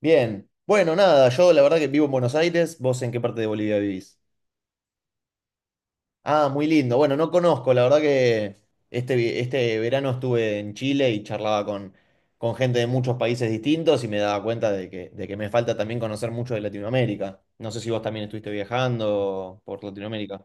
Bien. Bueno, nada, yo la verdad que vivo en Buenos Aires. ¿Vos en qué parte de Bolivia vivís? Ah, muy lindo. Bueno, no conozco, la verdad que este verano estuve en Chile y charlaba con gente de muchos países distintos y me daba cuenta de que me falta también conocer mucho de Latinoamérica. No sé si vos también estuviste viajando por Latinoamérica.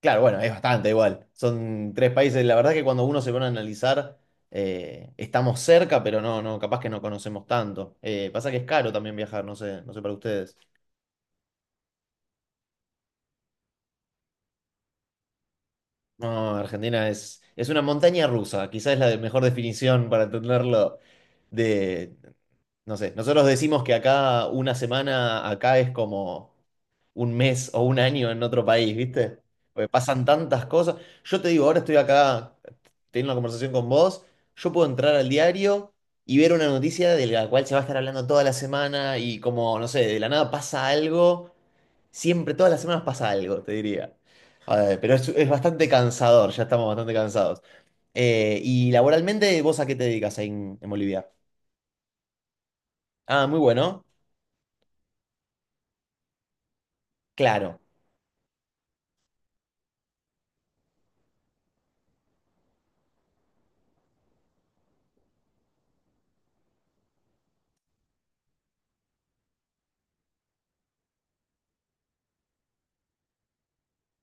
Claro, bueno, es bastante igual. Son tres países. La verdad que cuando uno se pone a analizar, estamos cerca, pero no, no, capaz que no conocemos tanto. Pasa que es caro también viajar, no sé para ustedes. No, Argentina es una montaña rusa, quizás es mejor definición para entenderlo de, no sé, nosotros decimos que acá una semana, acá es como un mes o un año en otro país, ¿viste? Porque pasan tantas cosas. Yo te digo, ahora estoy acá teniendo una conversación con vos, yo puedo entrar al diario y ver una noticia de la cual se va a estar hablando toda la semana y como, no sé, de la nada pasa algo. Siempre, todas las semanas pasa algo, te diría. A ver, pero es bastante cansador, ya estamos bastante cansados. Y laboralmente, ¿vos a qué te dedicas ahí en Bolivia? Ah, muy bueno, claro.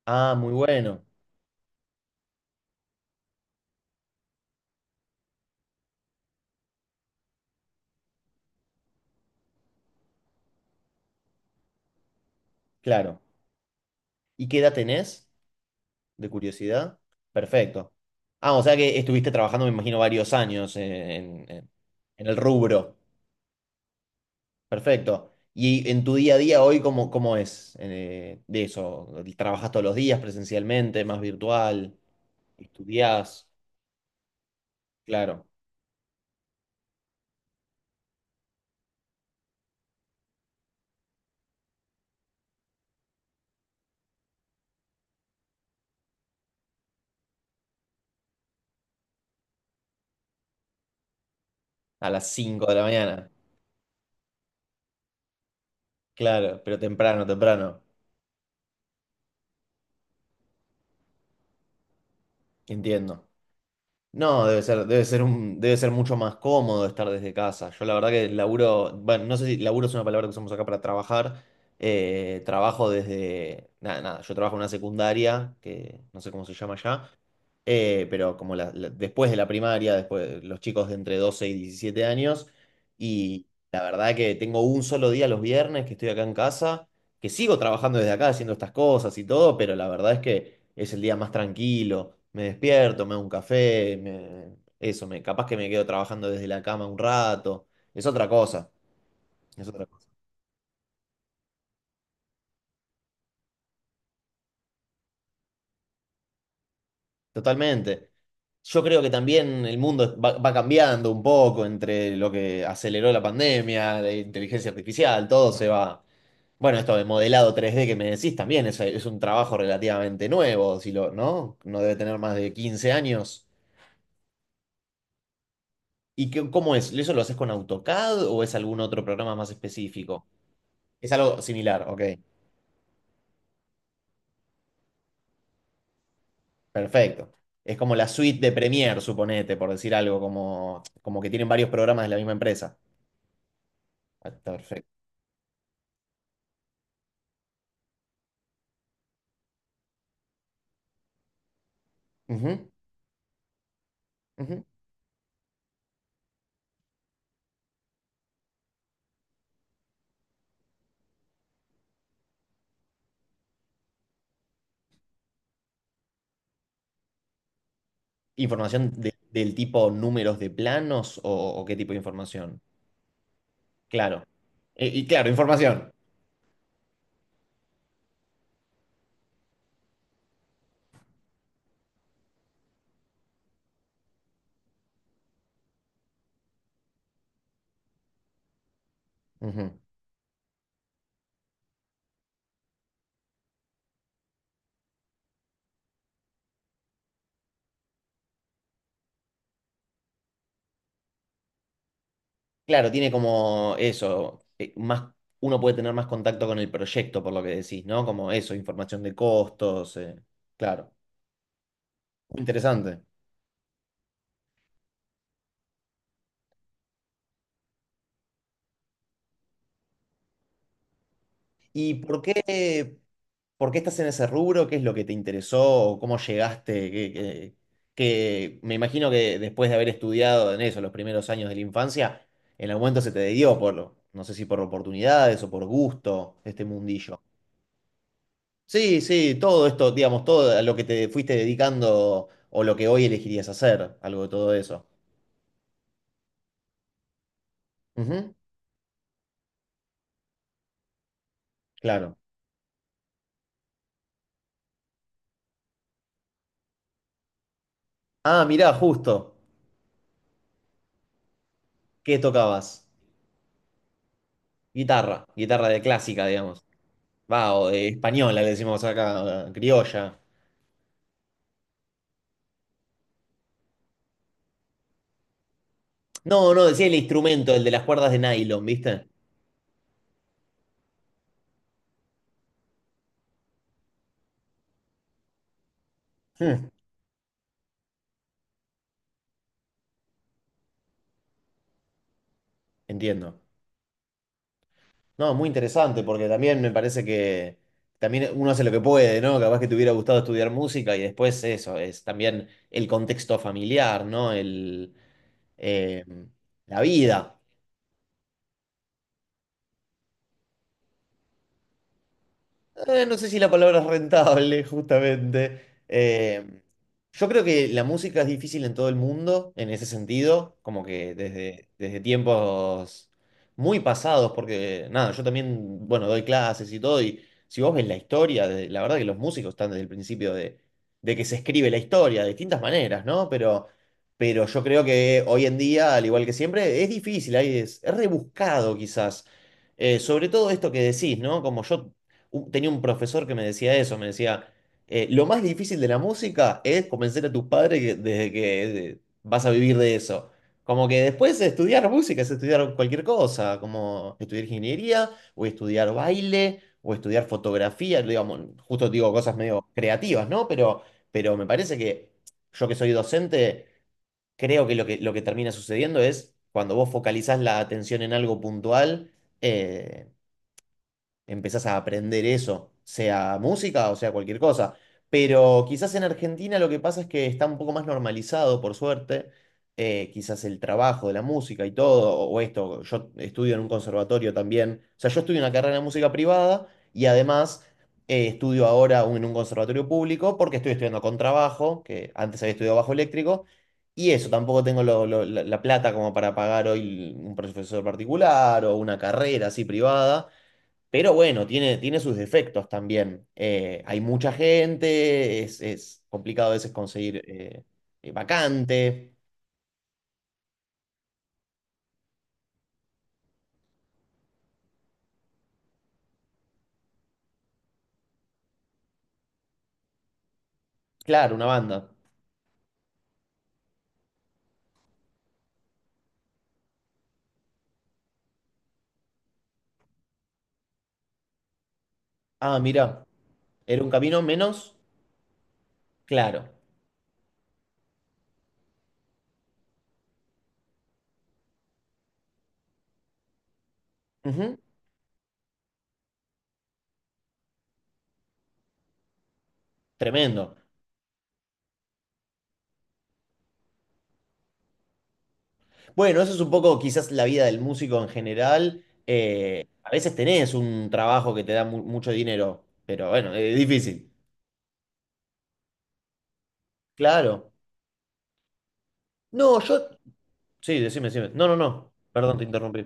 Ah, muy bueno, claro. ¿Y qué edad tenés? De curiosidad. Perfecto. Ah, o sea que estuviste trabajando, me imagino, varios años en, en el rubro. Perfecto. ¿Y en tu día a día hoy cómo es de eso? ¿Trabajas todos los días presencialmente, más virtual? ¿Estudiás? Claro, a las 5 de la mañana. Claro, pero temprano, temprano. Entiendo. No, debe ser mucho más cómodo estar desde casa. Yo la verdad que laburo, bueno, no sé si laburo es una palabra que usamos acá para trabajar. Trabajo desde, nada, nada, yo trabajo en una secundaria, que no sé cómo se llama ya, pero como después de la primaria, después los chicos de entre 12 y 17 años, y la verdad que tengo un solo día los viernes que estoy acá en casa que sigo trabajando desde acá haciendo estas cosas y todo, pero la verdad es que es el día más tranquilo. Me despierto, me hago un café, eso, capaz que me quedo trabajando desde la cama un rato. Es otra cosa, es otra cosa. Totalmente. Yo creo que también el mundo va cambiando un poco entre lo que aceleró la pandemia, la inteligencia artificial, todo se va. Bueno, esto de modelado 3D que me decís también es un trabajo relativamente nuevo, ¿no? No debe tener más de 15 años. ¿Y cómo es? ¿Eso lo haces con AutoCAD o es algún otro programa más específico? Es algo similar, ok. Perfecto. Es como la suite de Premiere, suponete, por decir algo, como, como que tienen varios programas de la misma empresa. Ah, está perfecto. Ujú, ujú. ¿Información del tipo números de planos o qué tipo de información? Claro. Y claro, información. Ujú. Claro, tiene como eso, uno puede tener más contacto con el proyecto, por lo que decís, ¿no? Como eso, información de costos, claro. Interesante. ¿Y por qué estás en ese rubro? ¿Qué es lo que te interesó? ¿O Cómo llegaste? Me imagino que después de haber estudiado en eso los primeros años de la infancia, en algún momento se te dio por, no sé si por oportunidades o por gusto, este mundillo. Sí, sí, todo esto, digamos, todo a lo que te fuiste dedicando o lo que hoy elegirías hacer, algo de todo eso. Ujú, claro. Ah, mirá, justo. ¿Qué tocabas? Guitarra, guitarra de clásica, digamos. Va, o de española le decimos acá, criolla. No, no, decía el instrumento, el de las cuerdas de nylon, ¿viste? Hmm, entiendo. No, muy interesante, porque también me parece que también uno hace lo que puede, ¿no? Capaz que te hubiera gustado estudiar música y después eso, es también el contexto familiar, ¿no? Eh, la vida. No sé si la palabra es rentable, justamente. Eh, yo creo que la música es difícil en todo el mundo, en ese sentido, como que desde, desde tiempos muy pasados, porque nada, yo también, bueno, doy clases y todo, y si vos ves la historia, la verdad que los músicos están desde el principio de que se escribe la historia, de distintas maneras, ¿no? Pero yo creo que hoy en día, al igual que siempre, es difícil, ahí es rebuscado quizás. Sobre todo esto que decís, ¿no? Como yo tenía un profesor que me decía eso, me decía, lo más difícil de la música es convencer a tus padres de que vas a vivir de eso. Como que después estudiar música es estudiar cualquier cosa, como estudiar ingeniería, o estudiar baile, o estudiar fotografía, digamos, justo digo cosas medio creativas, ¿no? Pero me parece que yo que soy docente, creo que lo que, lo que termina sucediendo es cuando vos focalizás la atención en algo puntual, eh, empezás a aprender eso, sea música o sea cualquier cosa. Pero quizás en Argentina lo que pasa es que está un poco más normalizado, por suerte, quizás el trabajo de la música y todo, o esto, yo estudio en un conservatorio también, o sea, yo estudio una carrera de música privada y además estudio ahora en un conservatorio público porque estoy estudiando con trabajo, que antes había estudiado bajo eléctrico, y eso, tampoco tengo la plata como para pagar hoy un profesor particular o una carrera así privada. Pero bueno, tiene, tiene sus defectos también. Hay mucha gente, es complicado a veces conseguir vacante. Claro, una banda. Ah, mira, era un camino menos claro. Ujú, tremendo. Bueno, eso es un poco quizás la vida del músico en general. A veces tenés un trabajo que te da mucho dinero, pero bueno, es difícil. Claro. No, yo... Sí, decime, decime. No, no, no. Perdón, te interrumpí.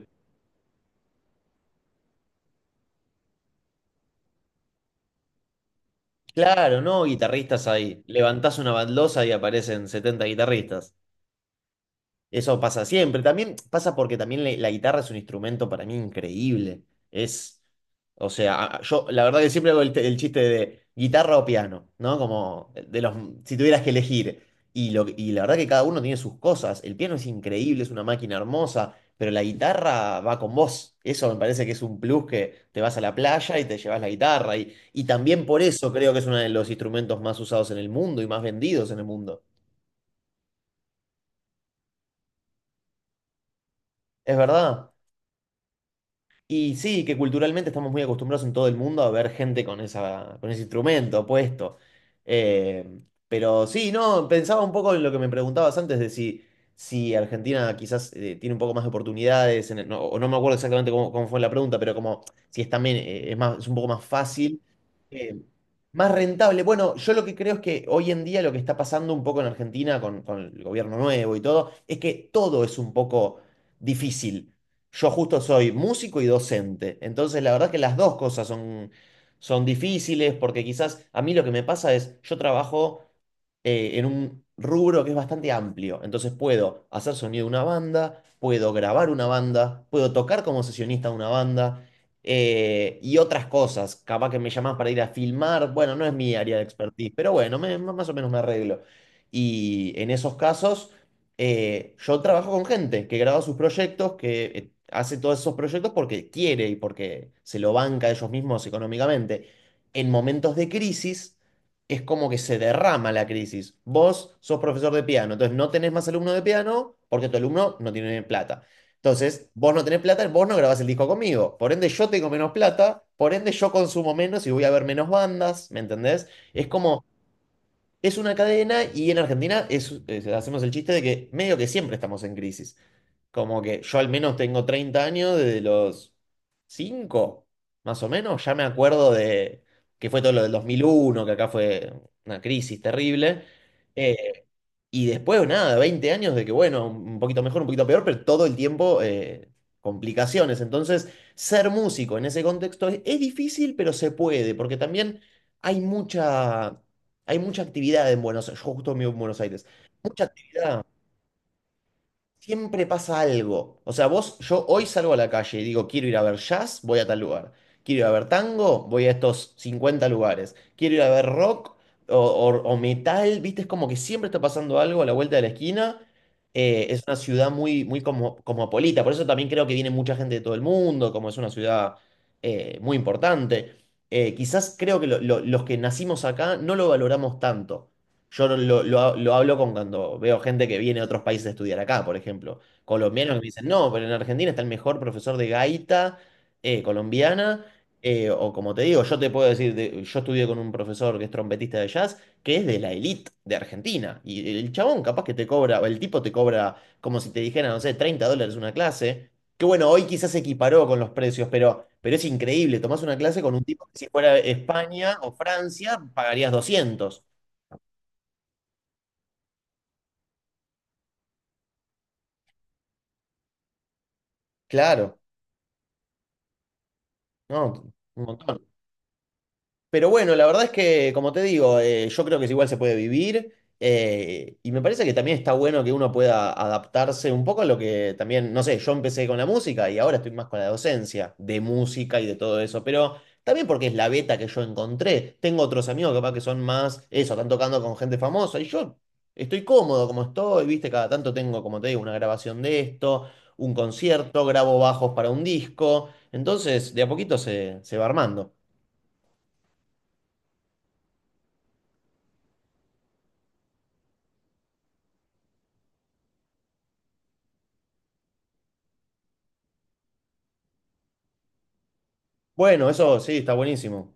Claro, no guitarristas ahí. Levantás una baldosa y aparecen 70 guitarristas. Eso pasa siempre. También pasa porque también la guitarra es un instrumento para mí increíble. Es, o sea, yo la verdad que siempre hago el, el chiste de guitarra o piano, ¿no? Como de los, si tuvieras que elegir. Y la verdad que cada uno tiene sus cosas. El piano es increíble, es una máquina hermosa, pero la guitarra va con vos. Eso me parece que es un plus que te vas a la playa y te llevas la guitarra. Y también por eso creo que es uno de los instrumentos más usados en el mundo y más vendidos en el mundo. ¿Es verdad? Y sí, que culturalmente estamos muy acostumbrados en todo el mundo a ver gente con ese instrumento puesto. Eh, pero sí, no, pensaba un poco en lo que me preguntabas antes de si, si Argentina quizás tiene un poco más de oportunidades, en no, o no me acuerdo exactamente cómo fue la pregunta, pero como si es también es un poco más fácil, eh, más rentable. Bueno, yo lo que creo es que hoy en día lo que está pasando un poco en Argentina con el gobierno nuevo y todo, es que todo es un poco difícil. Yo justo soy músico y docente, entonces la verdad que las dos cosas son, son difíciles porque quizás a mí lo que me pasa es, yo trabajo en un rubro que es bastante amplio, entonces puedo hacer sonido de una banda, puedo grabar una banda, puedo tocar como sesionista de una banda y otras cosas, capaz que me llaman para ir a filmar, bueno, no es mi área de expertise, pero bueno, más o menos me arreglo. Y en esos casos yo trabajo con gente que graba sus proyectos, que hace todos esos proyectos porque quiere y porque se lo banca ellos mismos económicamente. En momentos de crisis es como que se derrama la crisis. Vos sos profesor de piano, entonces no tenés más alumno de piano porque tu alumno no tiene plata. Entonces, vos no tenés plata, vos no grabás el disco conmigo. Por ende, yo tengo menos plata, por ende, yo consumo menos y voy a ver menos bandas, ¿me entendés? Es como es una cadena y en Argentina es, hacemos el chiste de que medio que siempre estamos en crisis. Como que yo al menos tengo 30 años, desde los 5 más o menos, ya me acuerdo de que fue todo lo del 2001 que acá fue una crisis terrible. Eh, y después, nada, 20 años de que, bueno, un poquito mejor, un poquito peor, pero todo el tiempo complicaciones. Entonces, ser músico en ese contexto es difícil, pero se puede, porque también hay mucha, hay mucha actividad en Buenos Aires. Yo justo vivo en Buenos Aires. Mucha actividad. Siempre pasa algo. O sea, vos, yo hoy salgo a la calle y digo, quiero ir a ver jazz, voy a tal lugar. Quiero ir a ver tango, voy a estos 50 lugares. Quiero ir a ver rock o metal, ¿viste? Es como que siempre está pasando algo a la vuelta de la esquina. Es una ciudad muy, muy como, cosmopolita, por eso también creo que viene mucha gente de todo el mundo, como es una ciudad muy importante. Quizás creo que los que nacimos acá no lo valoramos tanto. Yo no lo, lo hablo con cuando veo gente que viene de otros países a estudiar acá, por ejemplo. Colombianos que me dicen, no, pero en Argentina está el mejor profesor de gaita colombiana. O como te digo, yo te puedo decir, yo estudié con un profesor que es trompetista de jazz, que es de la elite de Argentina. Y el chabón capaz que te cobra, o el tipo te cobra como si te dijera, no sé, 30 dólares una clase. Que bueno, hoy quizás se equiparó con los precios, pero es increíble. Tomás una clase con un tipo que si fuera España o Francia, pagarías 200. Claro. No, un montón. Pero bueno, la verdad es que, como te digo, yo creo que igual se puede vivir y me parece que también está bueno que uno pueda adaptarse un poco a lo que también, no sé, yo empecé con la música y ahora estoy más con la docencia de música y de todo eso, pero también porque es la beta que yo encontré. Tengo otros amigos capaz que son más eso, están tocando con gente famosa y yo estoy cómodo como estoy, viste, cada tanto tengo, como te digo, una grabación de esto, un concierto, grabo bajos para un disco, entonces de a poquito se va armando. Bueno, eso sí, está buenísimo.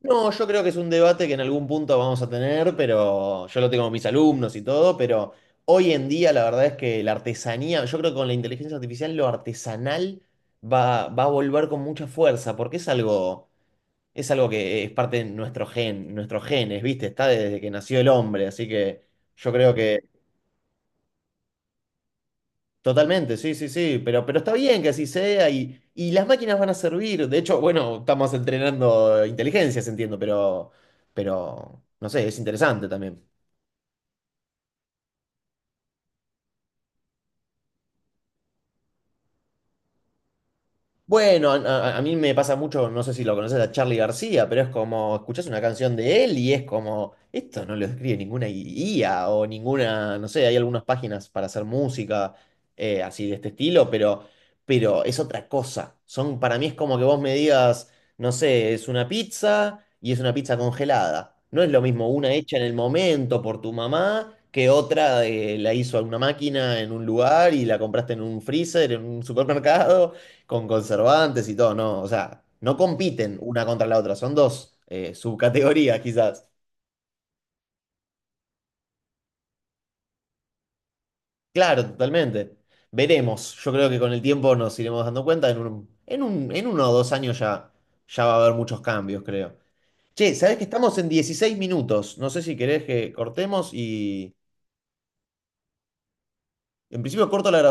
No, yo creo que es un debate que en algún punto vamos a tener, pero yo lo tengo con mis alumnos y todo, pero hoy en día la verdad es que la artesanía, yo creo que con la inteligencia artificial lo artesanal va a volver con mucha fuerza, porque es algo que es parte de nuestro gen, nuestros genes, ¿viste? Está desde que nació el hombre, así que yo creo que totalmente, sí, sí, sí, pero está bien que así sea y las máquinas van a servir. De hecho, bueno, estamos entrenando inteligencias, entiendo, pero, no sé, es interesante también. Bueno, a mí me pasa mucho, no sé si lo conoces a Charlie García, pero es como, escuchás una canción de él y es como, esto no lo escribe ninguna IA o ninguna, no sé, hay algunas páginas para hacer música así de este estilo, pero es otra cosa. Son, para mí es como que vos me digas, no sé, es una pizza y es una pizza congelada. No es lo mismo una hecha en el momento por tu mamá que otra la hizo alguna máquina en un lugar y la compraste en un freezer, en un supermercado con conservantes y todo, no, o sea, no compiten una contra la otra, son dos subcategorías quizás. Claro, totalmente. Veremos, yo creo que con el tiempo nos iremos dando cuenta, en uno o 2 años ya, ya va a haber muchos cambios, creo. Che, sabés que estamos en 16 minutos, no sé si querés que cortemos y en principio corto la